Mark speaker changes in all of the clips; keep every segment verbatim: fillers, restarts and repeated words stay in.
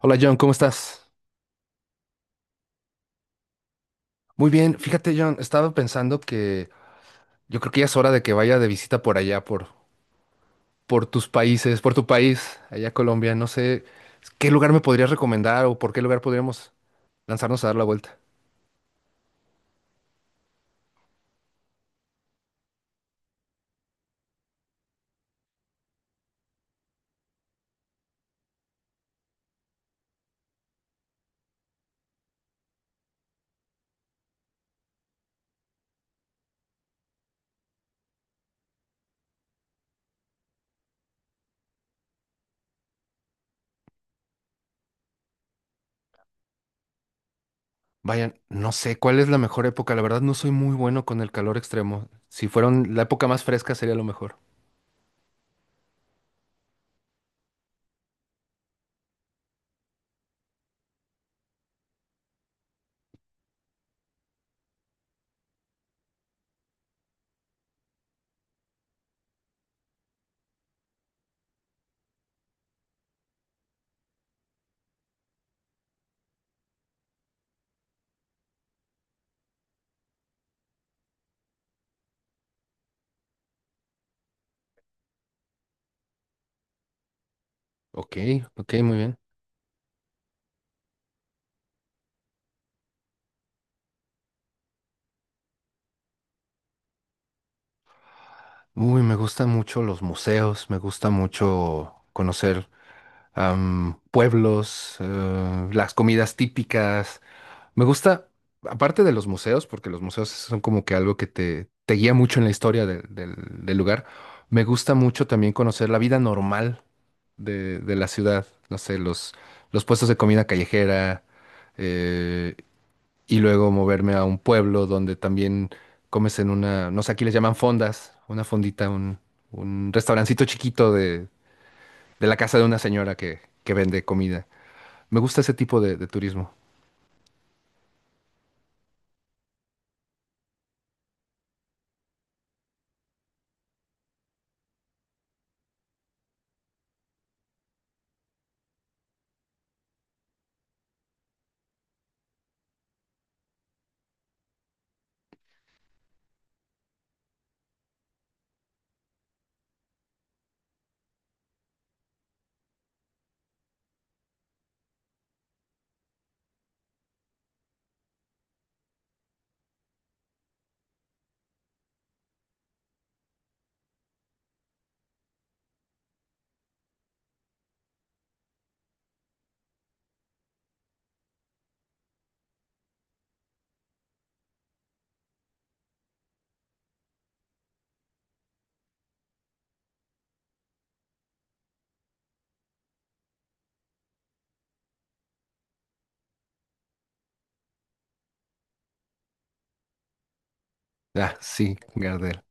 Speaker 1: Hola John, ¿cómo estás? Muy bien, fíjate John, estaba pensando que yo creo que ya es hora de que vaya de visita por allá, por, por tus países, por tu país, allá a Colombia. No sé qué lugar me podrías recomendar o por qué lugar podríamos lanzarnos a dar la vuelta. Vayan, no sé cuál es la mejor época. La verdad no soy muy bueno con el calor extremo. Si fueron la época más fresca sería lo mejor. Ok, ok, muy bien. Uy, me gustan mucho los museos, me gusta mucho conocer am, pueblos, eh, las comidas típicas. Me gusta, aparte de los museos, porque los museos son como que algo que te, te guía mucho en la historia del del- del lugar, me gusta mucho también conocer la vida normal de, de la ciudad, no sé, los, los puestos de comida callejera, eh, y luego moverme a un pueblo donde también comes en una, no sé, aquí les llaman fondas, una fondita, un, un restaurancito chiquito de, de la casa de una señora que, que vende comida. Me gusta ese tipo de, de turismo. Ah, sí, Gardel.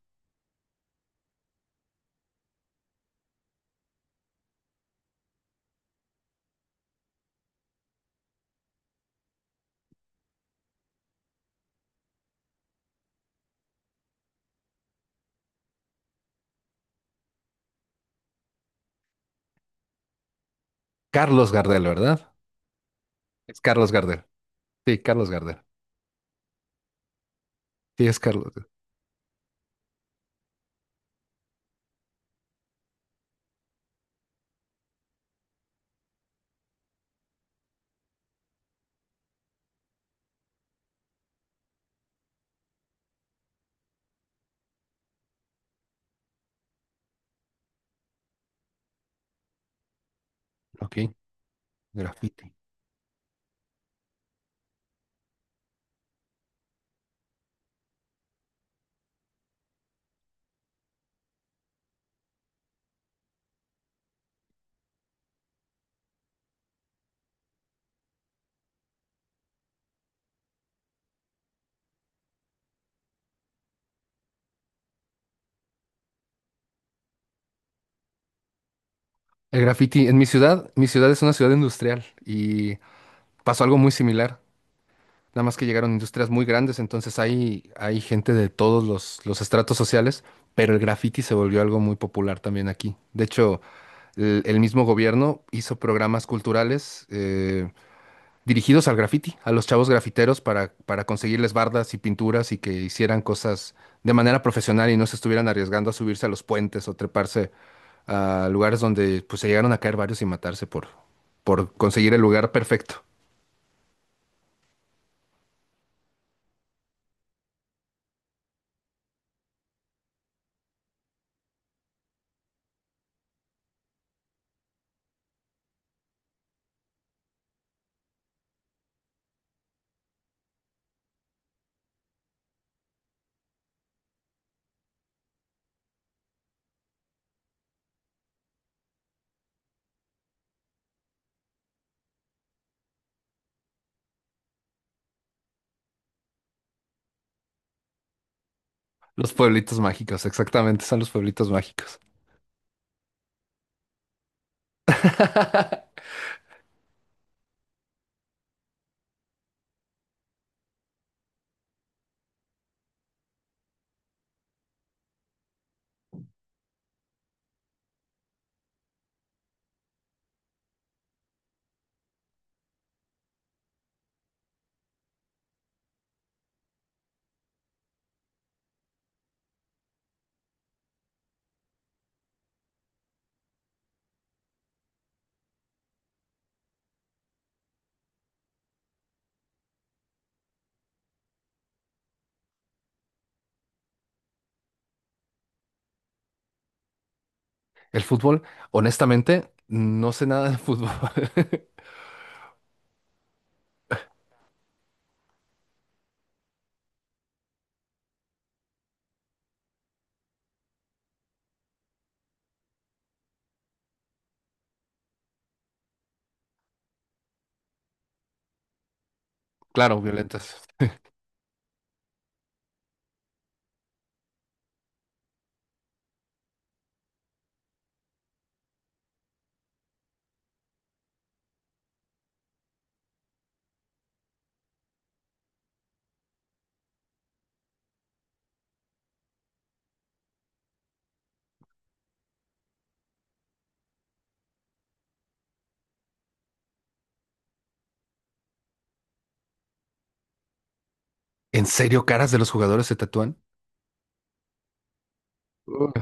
Speaker 1: Carlos Gardel, ¿verdad? Es Carlos Gardel. Sí, Carlos Gardel. Sí, es Carlos. Ok, graffiti. El graffiti en mi ciudad, mi ciudad es una ciudad industrial y pasó algo muy similar. Nada más que llegaron industrias muy grandes, entonces hay, hay gente de todos los, los estratos sociales, pero el graffiti se volvió algo muy popular también aquí. De hecho, el, el mismo gobierno hizo programas culturales, eh, dirigidos al graffiti, a los chavos grafiteros para, para conseguirles bardas y pinturas y que hicieran cosas de manera profesional y no se estuvieran arriesgando a subirse a los puentes o treparse a lugares donde pues se llegaron a caer varios y matarse por, por conseguir el lugar perfecto. Los pueblitos mágicos, exactamente, son los pueblitos mágicos. El fútbol, honestamente, no sé nada de fútbol. Claro, violentas. ¿En serio caras de los jugadores se tatúan? Uh.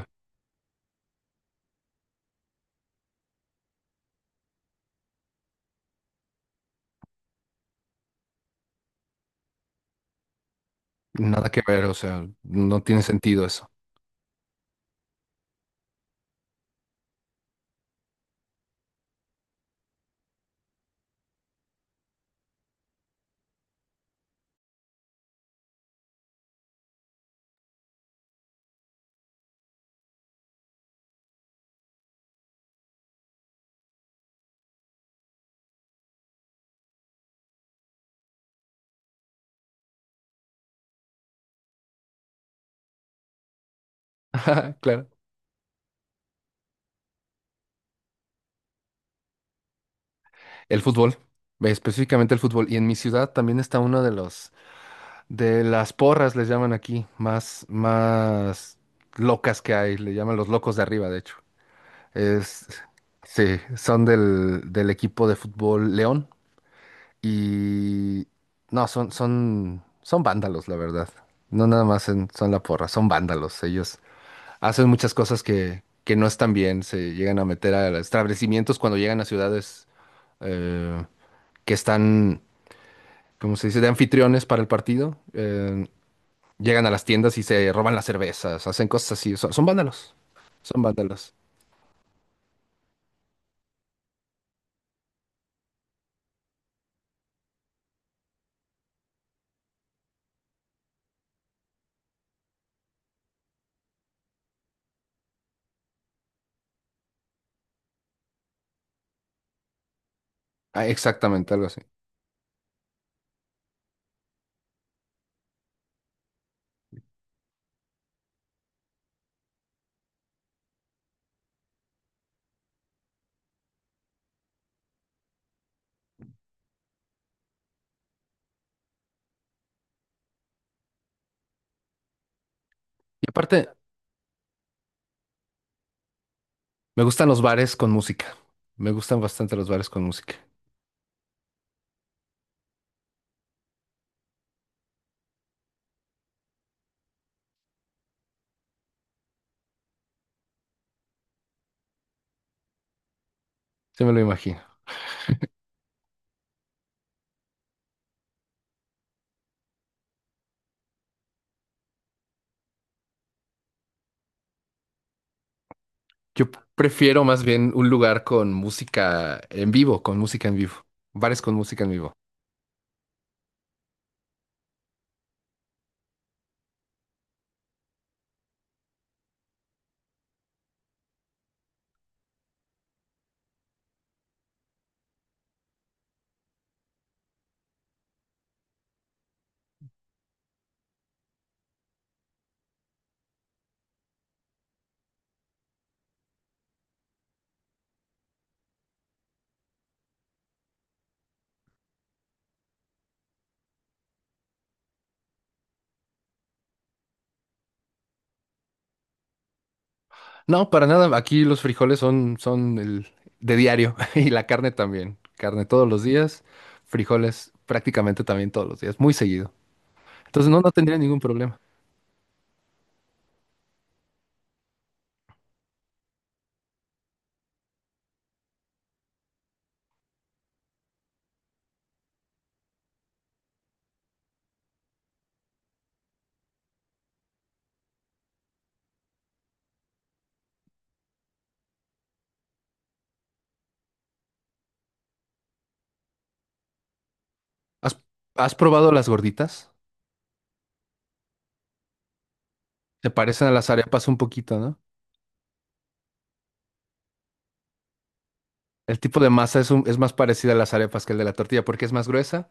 Speaker 1: Nada que ver, o sea, no tiene sentido eso. Claro. El fútbol, específicamente el fútbol. Y en mi ciudad también está una de los, de las porras, les llaman aquí, más, más locas que hay, le llaman los locos de arriba, de hecho. Es, sí, son del, del equipo de fútbol León. Y no, son, son, son vándalos, la verdad. No nada más en- son la porra, son vándalos. Ellos hacen muchas cosas que, que no están bien, se llegan a meter a establecimientos cuando llegan a ciudades. Eh, que están, ¿cómo se dice?, de anfitriones para el partido. Eh, llegan a las tiendas y se roban las cervezas, hacen cosas así. Son, son vándalos. Son vándalos. Ah, exactamente, algo así. Y aparte, me gustan los bares con música. Me gustan bastante los bares con música. Se me lo imagino. Yo prefiero más bien un lugar con música en vivo, con música en vivo. Bares con música en vivo. No, para nada. Aquí los frijoles son, son el de diario y la carne también. Carne todos los días, frijoles prácticamente también todos los días, muy seguido. Entonces no, no tendría ningún problema. ¿Has, ¿has probado las gorditas? Se parecen a las arepas un poquito, ¿no? El tipo de masa es, un- es más parecida a las arepas que el de la tortilla porque es más gruesa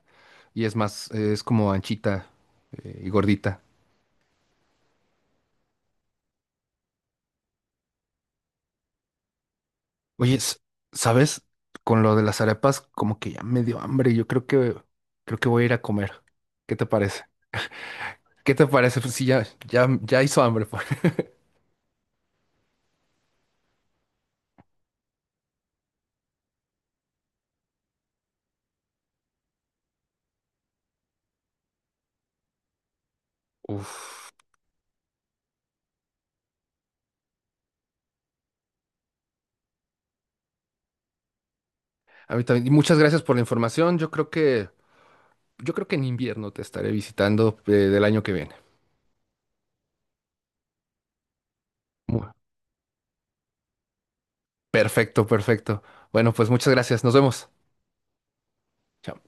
Speaker 1: y es más, eh, es como anchita eh, y gordita. Oye, s- ¿sabes? Con lo de las arepas, como que ya me dio hambre. Yo creo que, creo que voy a ir a comer. ¿Qué te parece? ¿Qué te parece? Pues sí, ya, ya, ya hizo hambre. Pues. Uf. A mí también. Y muchas gracias por la información. Yo creo que, yo creo que en invierno te estaré visitando eh, del año que viene. Mu- Perfecto, perfecto. Bueno, pues muchas gracias. Nos vemos. Chao.